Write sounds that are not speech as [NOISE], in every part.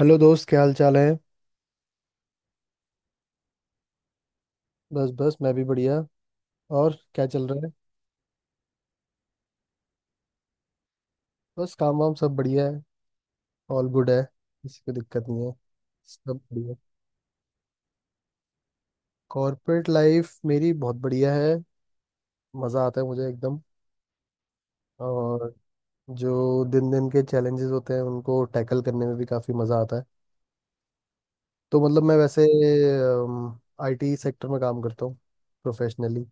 Hello दोस्त, क्या हाल चाल है? बस बस, मैं भी बढ़िया। और क्या चल रहा है? बस, काम वाम सब बढ़िया है। ऑल गुड है। किसी को दिक्कत नहीं है। सब बढ़िया। कॉर्पोरेट लाइफ मेरी बहुत बढ़िया है। मज़ा आता है मुझे एकदम। और, जो दिन दिन के चैलेंजेस होते हैं उनको टैकल करने में भी काफ़ी मज़ा आता है। तो मतलब मैं वैसे आईटी सेक्टर में काम करता हूँ, प्रोफेशनली।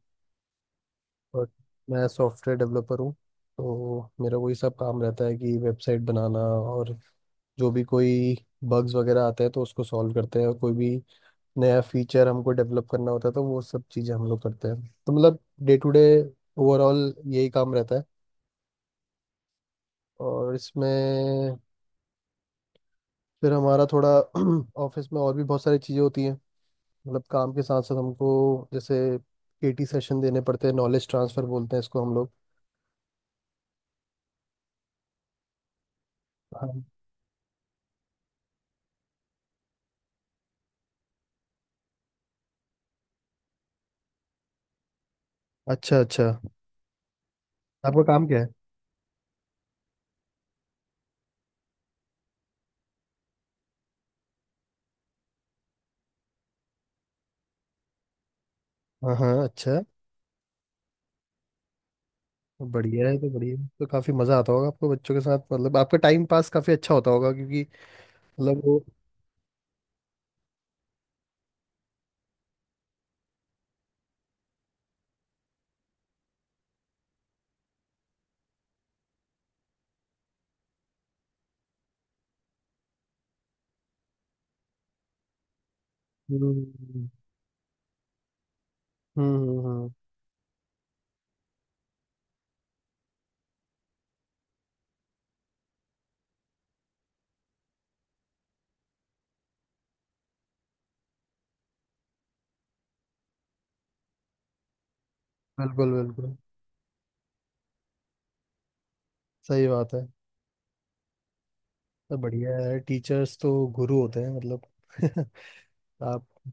और मैं सॉफ्टवेयर डेवलपर हूँ। तो मेरा वही सब काम रहता है कि वेबसाइट बनाना, और जो भी कोई बग्स वगैरह आते हैं तो उसको सॉल्व करते हैं, और कोई भी नया फीचर हमको डेवलप करना होता है तो वो सब चीज़ें हम लोग करते हैं। तो मतलब डे टू डे, ओवरऑल यही काम रहता है। और इसमें फिर हमारा थोड़ा [CLEARS THROAT] ऑफिस में और भी बहुत सारी चीज़ें होती हैं। मतलब काम के साथ साथ हमको, जैसे केटी सेशन देने पड़ते हैं, नॉलेज ट्रांसफर बोलते हैं इसको हम लोग। हाँ। अच्छा अच्छा। आपका काम क्या है? हाँ हाँ, अच्छा। बढ़िया है। तो काफी मजा आता होगा आपको बच्चों के साथ, मतलब आपका टाइम पास काफी अच्छा होता होगा क्योंकि मतलब वो। हम्म हम्म हम्म। बिल्कुल बिल्कुल सही बात है। तो बढ़िया है, टीचर्स तो गुरु होते हैं मतलब [LAUGHS] आप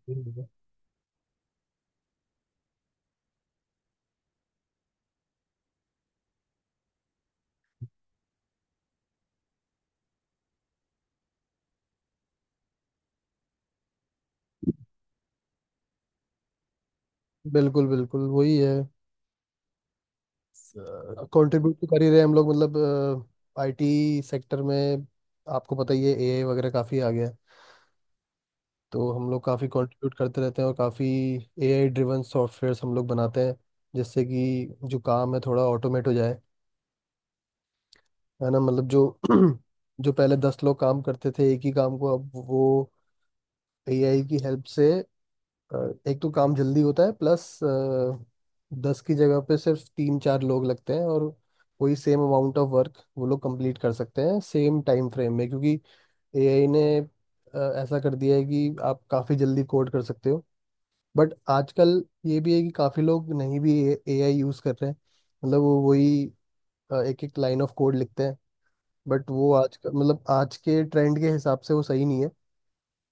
बिल्कुल बिल्कुल वही है। कंट्रीब्यूट तो कर ही रहे हैं हम लोग, मतलब आईटी सेक्टर में। आपको पता ही है एआई वगैरह काफ़ी आ गया है। तो हम लोग काफ़ी कंट्रीब्यूट करते रहते हैं, और काफ़ी एआई ड्रिवन सॉफ्टवेयर्स हम लोग बनाते हैं, जिससे कि जो काम है थोड़ा ऑटोमेट हो जाए। है ना, मतलब जो [CLEARS THROAT] जो पहले 10 लोग काम करते थे एक ही काम को, अब वो एआई की हेल्प से, अ, एक तो काम जल्दी होता है, प्लस 10 की जगह पे सिर्फ 3 4 लोग लगते हैं, और वही सेम अमाउंट ऑफ वर्क वो लोग कंप्लीट कर सकते हैं सेम टाइम फ्रेम में, क्योंकि एआई ने ऐसा कर दिया है कि आप काफ़ी जल्दी कोड कर सकते हो। बट आजकल ये भी है कि काफ़ी लोग नहीं भी एआई यूज़ कर रहे हैं। मतलब वो वही एक एक लाइन ऑफ कोड लिखते हैं। बट वो आज का मतलब आज के ट्रेंड के हिसाब से वो सही नहीं है।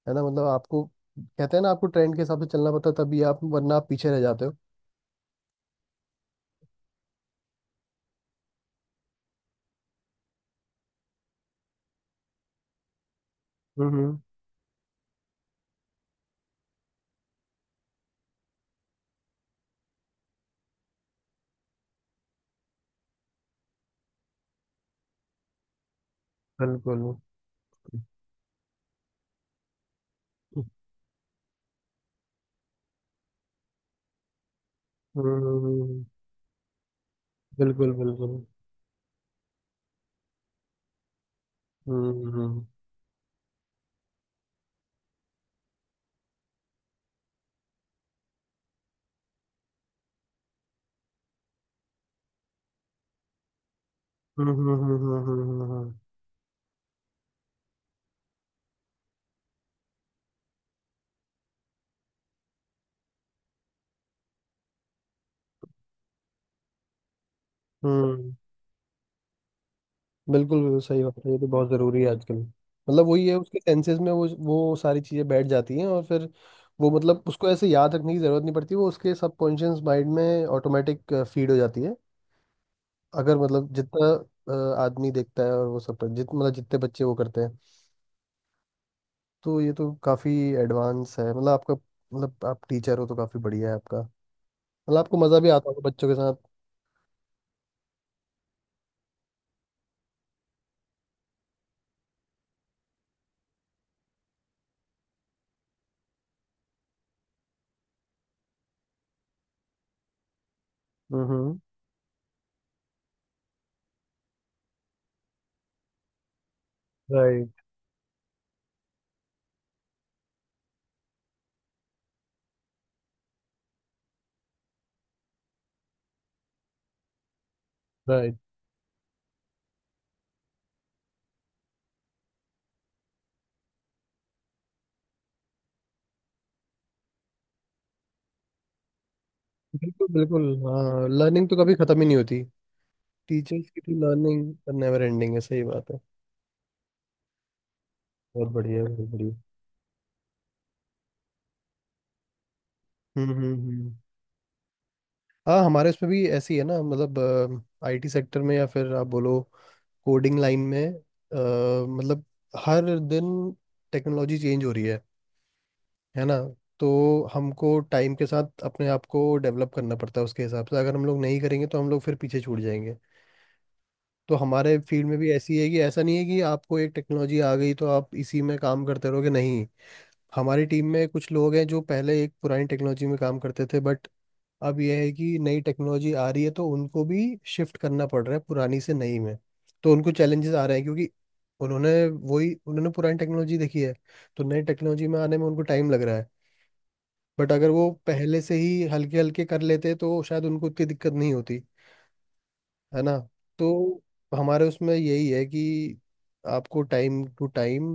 है ना, मतलब आपको, कहते हैं ना, आपको ट्रेंड के हिसाब से चलना पड़ता है, तभी आप वरना आप पीछे रह जाते हो। हम्म बिल्कुल। हम्म हम्म, बिल्कुल बिल्कुल। हम्म हम्म हम्म हम्म हम्म, हम्म, हम्म, हम्म, हम्म। बिल्कुल बिल्कुल सही बात है, ये तो बहुत ज़रूरी है आजकल। मतलब वही है, उसके सेंसेस में वो सारी चीज़ें बैठ जाती हैं, और फिर वो, मतलब उसको ऐसे याद रखने की ज़रूरत नहीं पड़ती, वो उसके सबकॉन्शियस माइंड में ऑटोमेटिक फीड हो जाती है। अगर मतलब जितना आदमी देखता है और वो सब जित मतलब जितने बच्चे वो करते हैं। तो ये तो काफ़ी एडवांस है, मतलब आपका, मतलब आप टीचर हो तो काफ़ी बढ़िया है आपका। मतलब आपको मज़ा भी आता होगा बच्चों के साथ। हम्म। राइट। राइट। बिल्कुल बिल्कुल। हाँ लर्निंग तो कभी ख़त्म ही नहीं होती, टीचर्स की तो लर्निंग। नेवर एंडिंग है, सही बात है। बहुत बढ़िया, बहुत बढ़िया। हम्म हम्म हम्म। हाँ हमारे इसमें भी ऐसी है ना, मतलब आईटी सेक्टर में या फिर आप बोलो कोडिंग लाइन में, मतलब हर दिन टेक्नोलॉजी चेंज हो रही है ना? तो हमको टाइम के साथ अपने आप को डेवलप करना पड़ता है उसके हिसाब से, अगर हम लोग नहीं करेंगे तो हम लोग फिर पीछे छूट जाएंगे। तो हमारे फील्ड में भी ऐसी है, कि ऐसा नहीं है कि आपको एक टेक्नोलॉजी आ गई तो आप इसी में काम करते रहोगे, नहीं। हमारी टीम में कुछ लोग हैं जो पहले एक पुरानी टेक्नोलॉजी में काम करते थे, बट अब यह है कि नई टेक्नोलॉजी आ रही है, तो उनको भी शिफ्ट करना पड़ रहा है पुरानी से नई में। तो उनको चैलेंजेस आ रहे हैं, क्योंकि उन्होंने, वही उन्होंने पुरानी टेक्नोलॉजी देखी है, तो नई टेक्नोलॉजी में आने में उनको टाइम लग रहा है। बट अगर वो पहले से ही हल्के हल्के कर लेते तो शायद उनको इतनी दिक्कत नहीं होती, है ना? तो हमारे उसमें यही है, कि आपको टाइम टू टाइम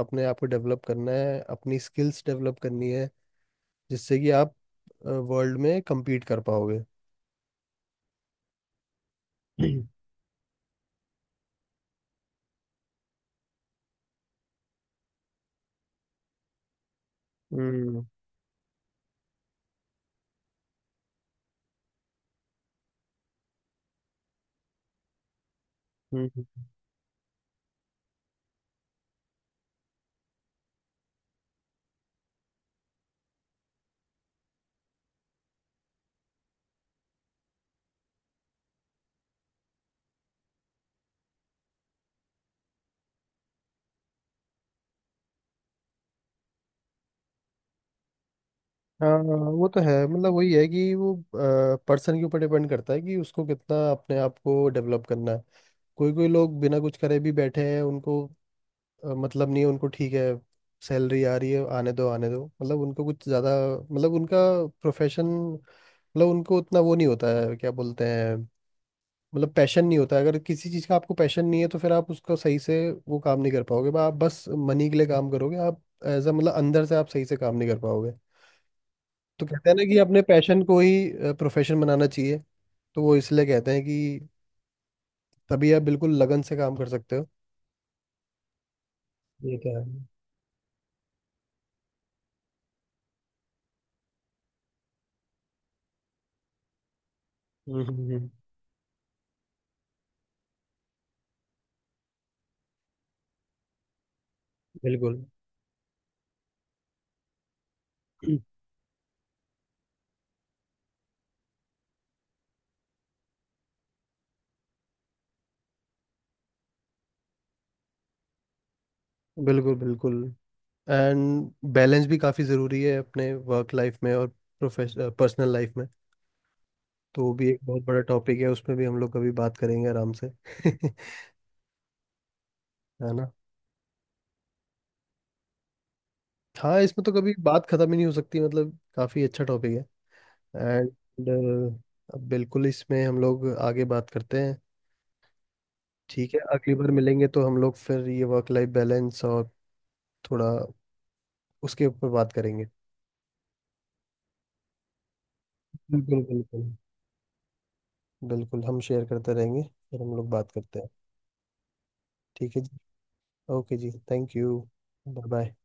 अपने आप को डेवलप करना है, अपनी स्किल्स डेवलप करनी है, जिससे कि आप वर्ल्ड में compete कर पाओगे। हम्म हम्म। हाँ वो तो है, मतलब वही है कि वो पर्सन के ऊपर डिपेंड करता है कि उसको कितना अपने आप को डेवलप करना है। कोई कोई लोग बिना कुछ करे भी बैठे हैं, उनको मतलब नहीं है, उनको ठीक है, सैलरी आ रही है, आने दो आने दो, मतलब उनको कुछ ज़्यादा, मतलब उनका प्रोफेशन, मतलब उनको उतना वो नहीं होता है, क्या बोलते हैं, मतलब पैशन नहीं होता है। अगर किसी चीज़ का आपको पैशन नहीं है तो फिर आप उसको सही से, वो काम नहीं कर पाओगे, आप बस मनी के लिए काम करोगे, आप एज अ, मतलब अंदर से आप सही से काम नहीं कर पाओगे। तो कहते हैं ना कि अपने पैशन को ही प्रोफेशन बनाना चाहिए, तो वो इसलिए कहते हैं कि तभी आप बिल्कुल लगन से काम कर सकते हो। ये तो है। हम्म हम्म, हम्म, बिल्कुल [CLEARS THROAT] बिल्कुल बिल्कुल। एंड बैलेंस भी काफ़ी ज़रूरी है, अपने वर्क लाइफ में और प्रोफेश पर्सनल लाइफ में। तो वो भी एक बहुत बड़ा टॉपिक है, उसमें भी हम लोग कभी बात करेंगे आराम से [LAUGHS] है ना? हाँ इसमें तो कभी बात खत्म ही नहीं हो सकती, मतलब काफी अच्छा टॉपिक है। एंड अब बिल्कुल इसमें हम लोग आगे बात करते हैं। ठीक है, अगली बार मिलेंगे तो हम लोग फिर ये वर्क लाइफ बैलेंस और थोड़ा उसके ऊपर बात करेंगे। बिल्कुल बिल्कुल। बिल्कुल हम शेयर करते रहेंगे। फिर हम लोग बात करते हैं। ठीक है जी। ओके जी, थैंक यू। Bye bye.